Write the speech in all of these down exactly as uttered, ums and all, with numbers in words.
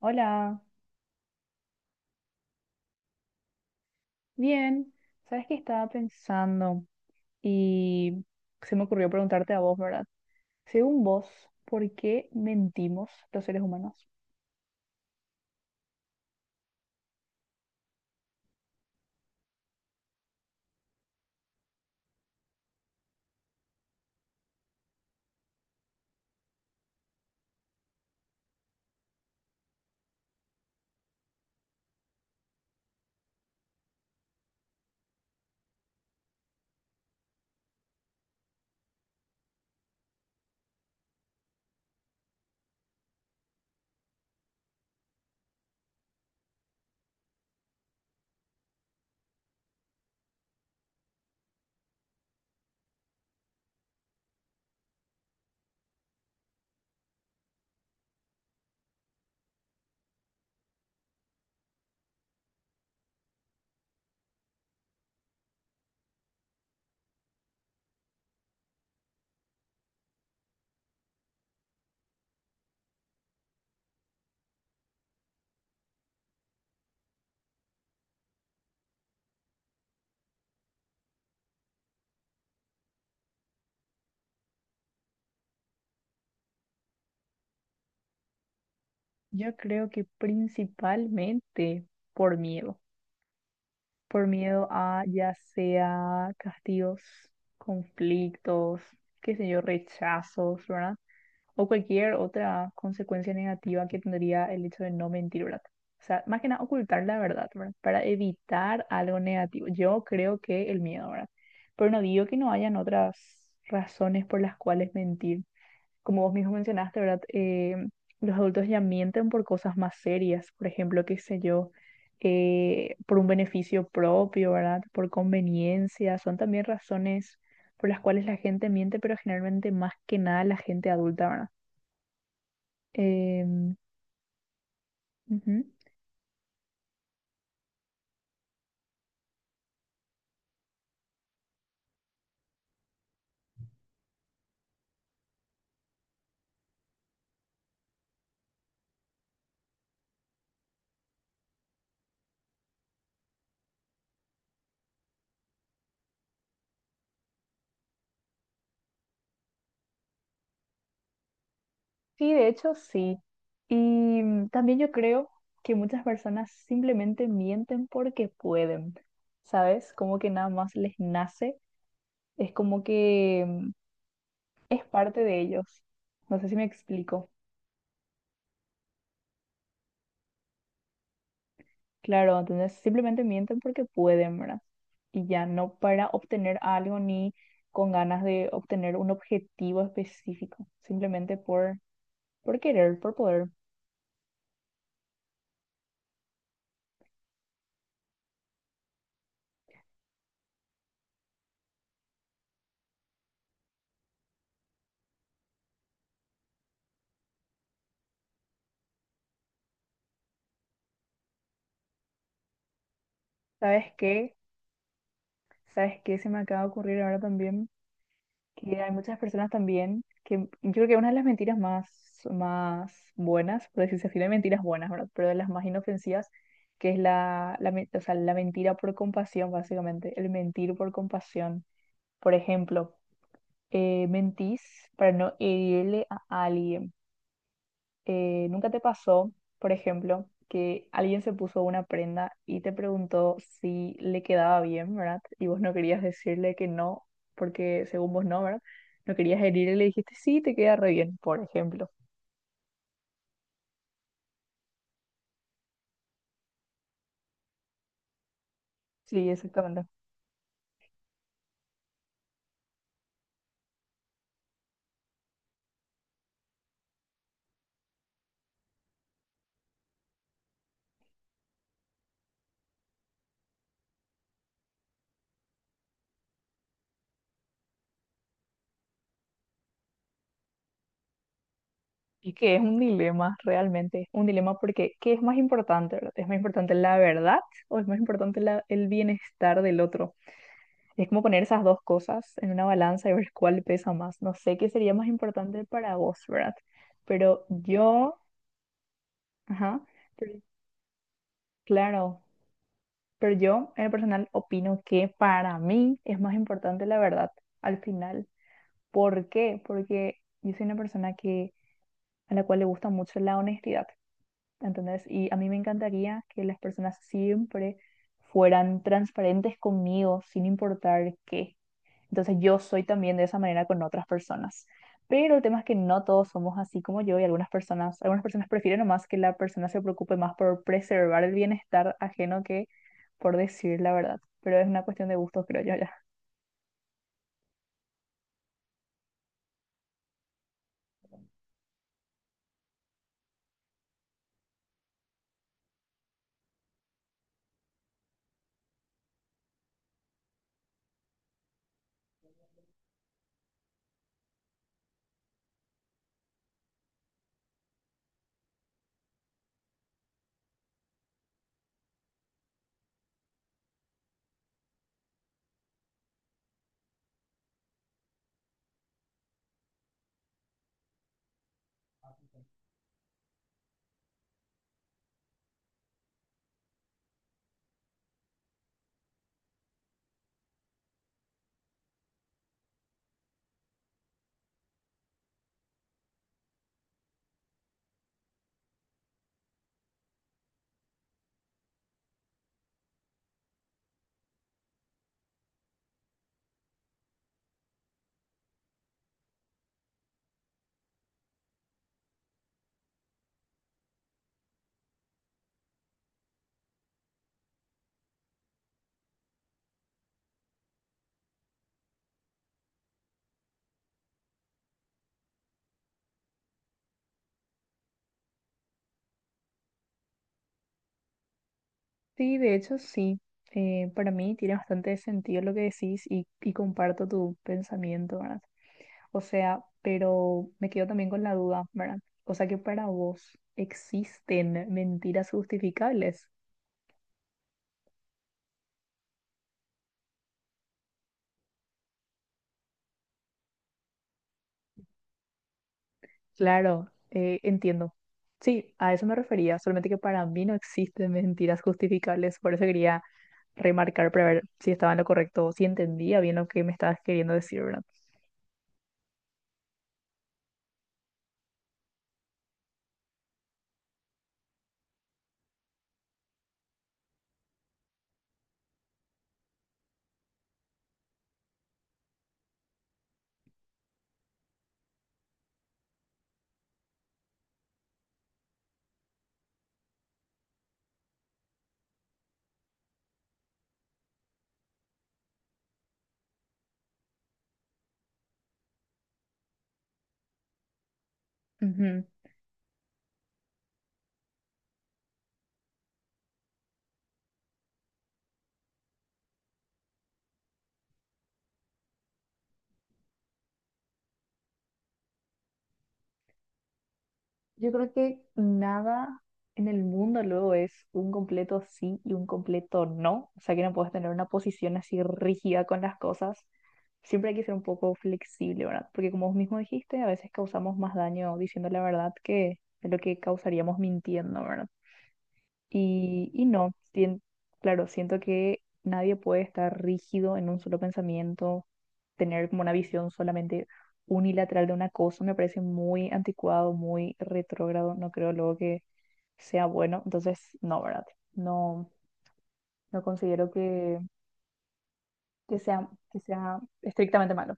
Hola, bien. ¿Sabes qué estaba pensando? Y se me ocurrió preguntarte a vos, ¿verdad? Según vos, ¿por qué mentimos los seres humanos? Yo creo que principalmente por miedo. Por miedo a ya sea castigos, conflictos, qué sé yo, rechazos, ¿verdad? O cualquier otra consecuencia negativa que tendría el hecho de no mentir, ¿verdad? O sea, más que nada ocultar la verdad, ¿verdad? Para evitar algo negativo. Yo creo que el miedo, ¿verdad? Pero no digo que no hayan otras razones por las cuales mentir como vos mismo mencionaste, ¿verdad? Eh, los adultos ya mienten por cosas más serias, por ejemplo, qué sé yo, eh, por un beneficio propio, ¿verdad? Por conveniencia, son también razones por las cuales la gente miente, pero generalmente más que nada la gente adulta, ¿verdad? Em, Ujú. Sí, de hecho, sí. Y mm, también yo creo que muchas personas simplemente mienten porque pueden, ¿sabes? Como que nada más les nace. Es como que mm, es parte de ellos. No sé si me explico. Claro, entonces simplemente mienten porque pueden, ¿verdad? Y ya no para obtener algo ni con ganas de obtener un objetivo específico, simplemente por, por querer, por poder. ¿Sabes qué? ¿Sabes qué se me acaba de ocurrir ahora también? Que hay muchas personas también que yo creo que una de las mentiras más, más buenas, por decirse así, no hay mentiras buenas, ¿verdad? Pero de las más inofensivas, que es la, la, men- o sea, la mentira por compasión, básicamente, el mentir por compasión. Por ejemplo, eh, mentís para no herirle a alguien eh, ¿nunca te pasó, por ejemplo, que alguien se puso una prenda y te preguntó si le quedaba bien, ¿verdad? Y vos no querías decirle que no, porque según vos no, ¿verdad? No querías herir y le dijiste, sí, te queda re bien, por ejemplo. Sí, exactamente. Y que es un dilema, realmente, un dilema porque ¿qué es más importante, verdad? ¿Es más importante la verdad o es más importante la- el bienestar del otro? Es como poner esas dos cosas en una balanza y ver cuál pesa más. No sé qué sería más importante para vos, ¿verdad? Pero yo, ajá, pero claro, pero yo en el personal opino que para mí es más importante la verdad al final. ¿Por qué? Porque yo soy una persona que, a la cual le gusta mucho la honestidad, ¿entendés? Y a mí me encantaría que las personas siempre fueran transparentes conmigo, sin importar qué. Entonces yo soy también de esa manera con otras personas. Pero el tema es que no todos somos así como yo y algunas personas, algunas personas prefieren nomás que la persona se preocupe más por preservar el bienestar ajeno que por decir la verdad. Pero es una cuestión de gustos, creo yo ya. Sí, de hecho sí. Eh, para mí tiene bastante sentido lo que decís y, y comparto tu pensamiento, ¿verdad? O sea, pero me quedo también con la duda, ¿verdad? O sea que para vos existen mentiras justificables. Claro, eh, entiendo. Sí, a eso me refería, solamente que para mí no existen mentiras justificables, por eso quería remarcar para ver si estaba en lo correcto, o si entendía bien lo que me estabas queriendo decir, ¿verdad? Ujú. Yo creo que nada en el mundo luego es un completo sí y un completo no, o sea que no puedes tener una posición así rígida con las cosas, siempre hay que ser un poco flexible, ¿verdad? Porque como vos mismo dijiste, a veces causamos más daño diciendo la verdad que de lo que causaríamos mintiendo, ¿verdad? Y, y no, sien- claro, siento que nadie puede estar rígido en un solo pensamiento, tener como una visión solamente unilateral de una cosa, me parece muy anticuado, muy retrógrado, no creo luego que sea bueno, entonces no, ¿verdad? No, no considero que, que sea, que sea estrictamente malo.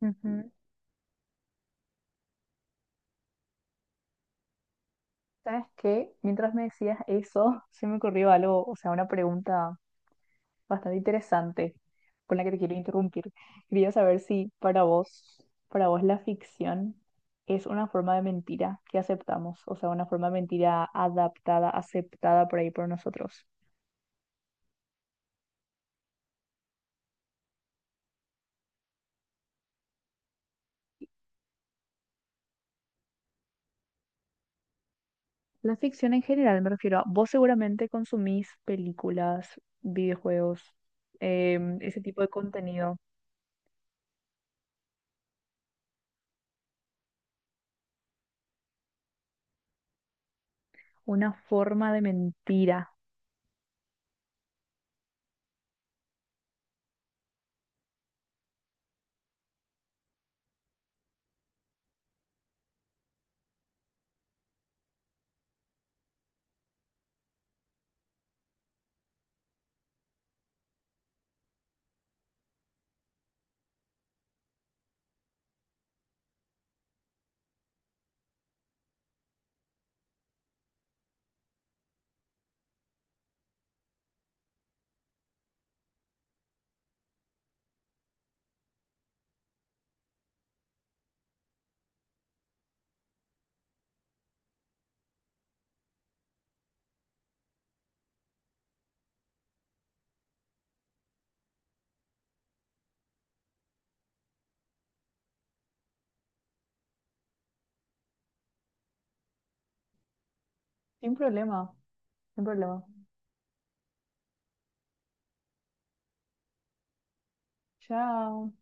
Ujú, ujú. ¿Sabes qué? Mientras me decías eso, se me ocurrió algo, o sea, una pregunta bastante interesante con la que te quiero interrumpir. Quería saber si para vos, para vos la ficción es una forma de mentira que aceptamos, o sea, una forma de mentira adaptada, aceptada por ahí por nosotros. La ficción en general, me refiero a vos seguramente consumís películas, videojuegos, em, ese tipo de contenido. Una forma de mentira. Sin problema, sin problema. Chao.